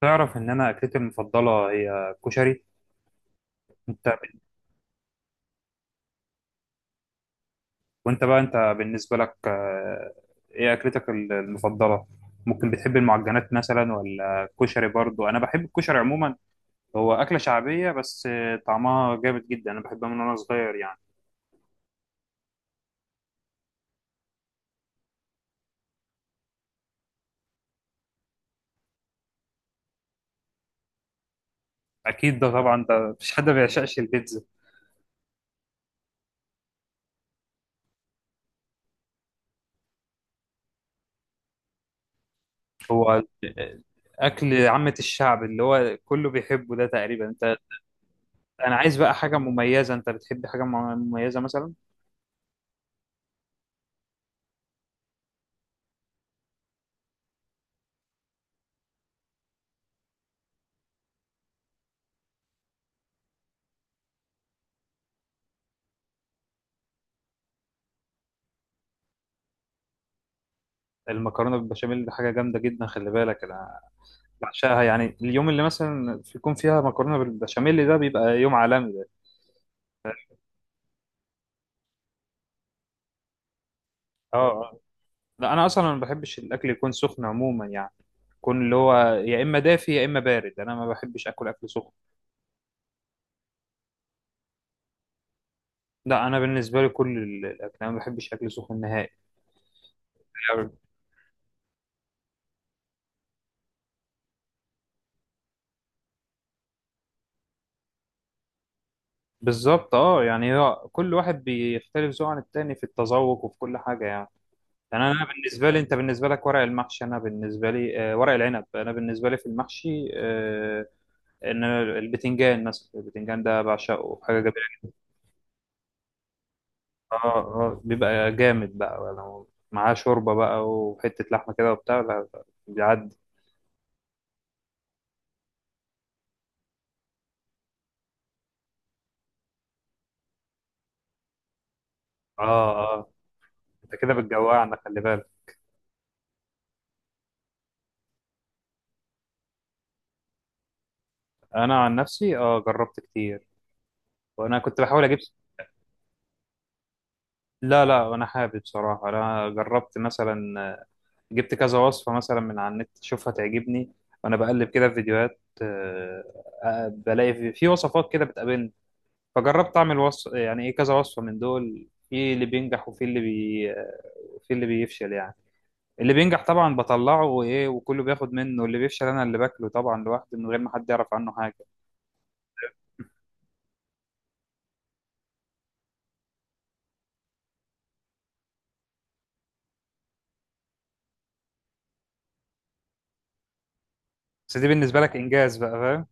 تعرف ان انا اكلتي المفضله هي كشري؟ انت؟ وانت بقى انت بالنسبه لك، ايه اكلتك المفضله؟ ممكن بتحب المعجنات مثلا ولا الكشري؟ برضو انا بحب الكشري عموما. هو اكله شعبيه بس طعمها جامد جدا. انا بحبها من وانا صغير يعني. اكيد ده طبعا، ده مفيش حد ما بيعشقش البيتزا. هو ال- اكل عامه الشعب اللي هو كله بيحبه ده، تقريبا انت. انا عايز بقى حاجه مميزه، انت بتحب حاجه مميزه مثلا؟ المكرونه بالبشاميل دي حاجه جامده جدا، خلي بالك. انا بعشقها يعني، اليوم اللي مثلا يكون فيها مكرونه بالبشاميل ده بيبقى يوم عالمي ده. اه آه. لا انا اصلا ما بحبش الاكل يكون سخن عموما يعني، يكون اللي هو يا اما دافي يا اما بارد، انا ما بحبش اكل سخن. لا انا بالنسبه لي كل الاكل، انا ما بحبش اكل سخن نهائي يعني. بالظبط اه، يعني هو كل واحد بيختلف ذوقه عن التاني في التذوق وفي كل حاجه يعني. يعني انا بالنسبه لي، انت بالنسبه لك ورق المحشي، انا بالنسبه لي ورق العنب، انا بالنسبه لي في المحشي، ان البتنجان مثلا، البتنجان ده بعشقه، حاجه جميله. اه اه، بيبقى جامد بقى لو معاه شوربه بقى وحته لحمه كده وبتاع. لا بيعدي. اه اه. انت كده بتجوعنا، خلي بالك. انا عن نفسي اه جربت كتير، وانا كنت بحاول اجيب. لا لا، انا حابب بصراحه. انا جربت مثلا، جبت كذا وصفه مثلا من على النت، اشوفها تعجبني وانا بقلب كده في فيديوهات، بلاقي في وصفات كده بتقابلني. فجربت اعمل وصف يعني، ايه، كذا وصفه من دول، في اللي بينجح وفي اللي بي في اللي بيفشل يعني. اللي بينجح طبعا بطلعه وايه وكله بياخد منه، اللي بيفشل انا اللي باكله طبعا لوحدي من غير ما حد يعرف عنه حاجه. بس دي بالنسبه لك انجاز بقى، فاهم.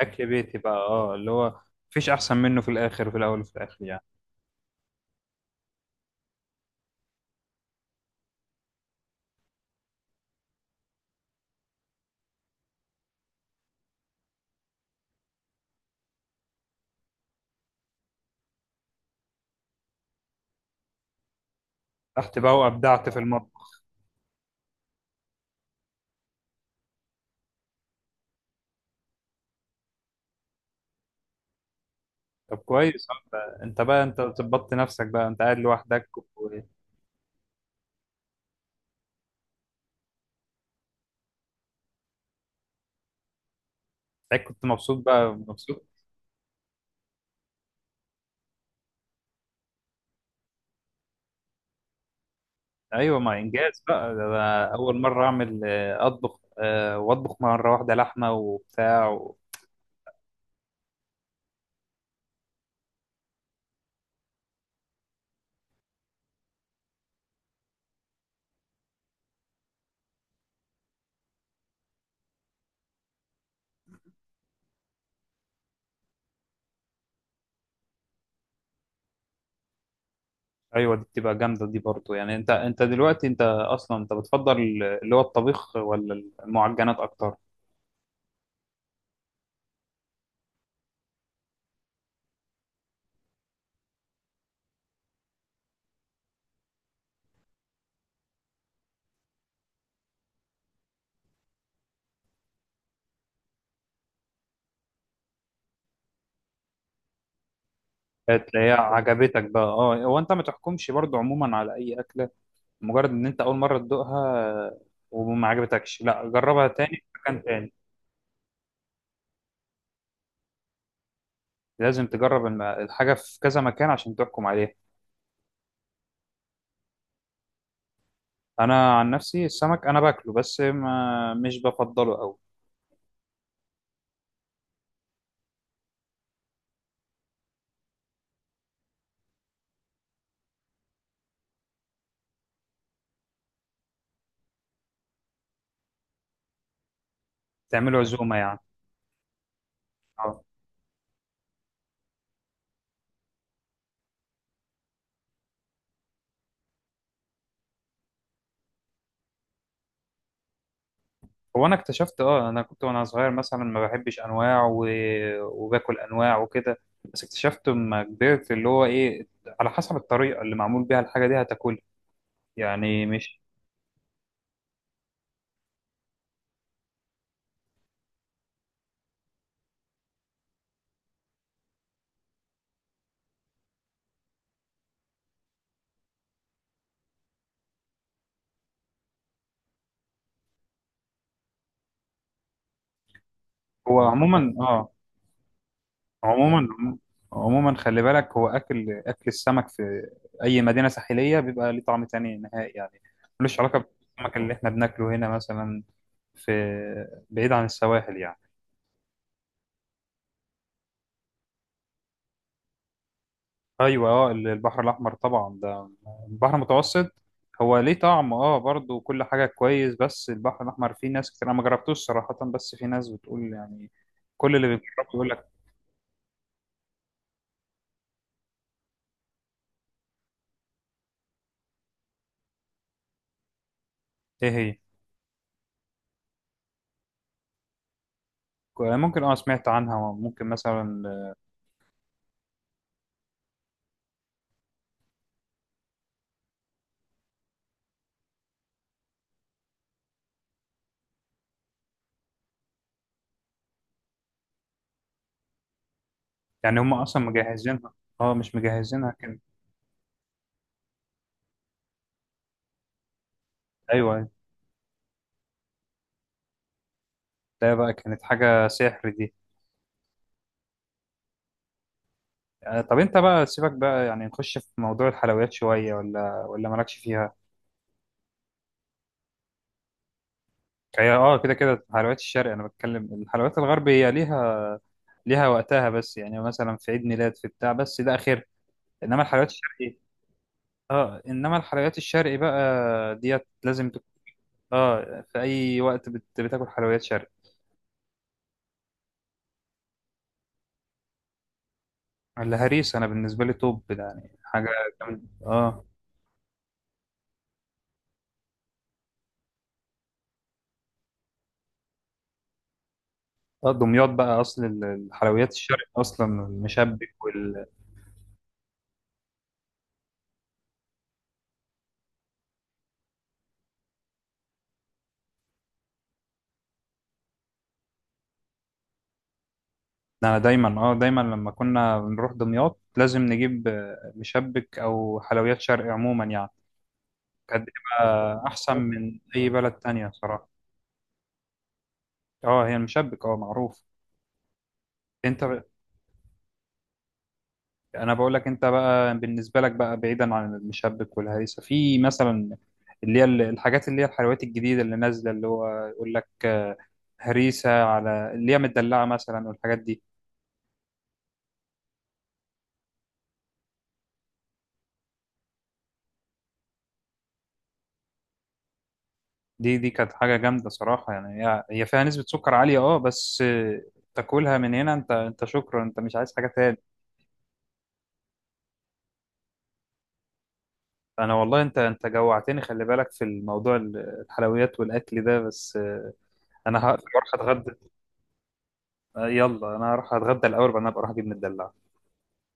اكل بيتي بقى اه، اللي هو مفيش احسن منه في الاخر، وفي الاول وفي الاخر يعني. رحت بقى وابدعت في المطبخ. طب كويس. انت بقى، انت ظبطت نفسك بقى، انت قاعد لوحدك و-. ساعات كنت مبسوط بقى، مبسوط. ايوه، ما انجاز بقى ده، أنا اول مره اعمل اطبخ، واطبخ مره واحده لحمه وبتاع و... ايوه، دي بتبقى جامده دي برضو يعني. انت دلوقتي، انت اصلا انت بتفضل اللي هو الطبيخ ولا المعجنات اكتر؟ تلاقيها عجبتك بقى اه. هو انت ما تحكمش برضو عموما على اي اكله مجرد ان انت اول مره تدوقها آه، وما عجبتكش. لا، جربها تاني في مكان تاني. لازم تجرب الحاجه في كذا مكان عشان تحكم عليها. انا عن نفسي السمك، انا باكله بس ما مش بفضله قوي. تعمله عزومه يعني. اه، هو انا اكتشفت اه، انا كنت وانا صغير مثلا ما بحبش انواع و... وباكل انواع وكده. بس اكتشفت لما كبرت اللي هو ايه، على حسب الطريقه اللي معمول بيها الحاجه دي هتاكلها. يعني مش. هو عموما اه، عموما، عموما خلي بالك، هو اكل السمك في اي مدينه ساحليه بيبقى ليه طعم تاني نهائي يعني، ملوش علاقه بالسمك اللي احنا بناكله هنا مثلا في بعيد عن السواحل يعني. ايوه اه، البحر الاحمر طبعا ده، البحر المتوسط هو ليه طعم اه، برضه كل حاجه كويس، بس البحر الاحمر فيه ناس كتير، انا ما جربتوش صراحه بس في ناس بتقول يعني، كل اللي بيجرب يقول لك. ايه هي؟ ممكن اه، سمعت عنها ممكن مثلا. يعني هم اصلا مجهزينها. اه، مش مجهزينها كانت. ايوه، ده بقى كانت حاجه سحر دي. طب انت بقى، سيبك بقى يعني، نخش في موضوع الحلويات شويه، ولا مالكش فيها؟ هي اه، كده كده حلويات الشرق، انا بتكلم الحلويات الغرب، هي ليها، ليها وقتها، بس يعني مثلا في عيد ميلاد في بتاع، بس ده اخر. انما الحلويات الشرقي اه، انما الحلويات الشرقي بقى، ديت لازم تك... اه، في اي وقت بت... بتاكل حلويات شرقي. الهريسه انا بالنسبه لي توب يعني، حاجه جامدة. اه. دمياط بقى اصل الحلويات الشرق اصلا، المشبك وال... انا دايما اه، دايما لما كنا بنروح دمياط لازم نجيب مشبك او حلويات شرق عموما يعني. كانت بتبقى احسن من اي بلد تانية صراحة. اه، هي المشبك، اه معروف. انت ب... انا بقول لك، انت بقى بالنسبة لك بقى، بعيدا عن المشبك والهريسة، في مثلا اللي هي الحاجات اللي هي الحلويات الجديدة اللي نازلة، اللي هو يقول لك هريسة، على اللي هي مدلعة مثلا والحاجات دي. دي كانت حاجة جامدة صراحة يعني، هي فيها نسبة سكر عالية اه، بس تاكلها من هنا انت، انت شكرا، انت مش عايز حاجة تاني. انا والله انت، جوعتني، خلي بالك في الموضوع الحلويات والاكل ده، بس انا هروح اتغدى. يلا، انا هروح اتغدى الاول، بعدين ابقى اروح اجيب مدلع.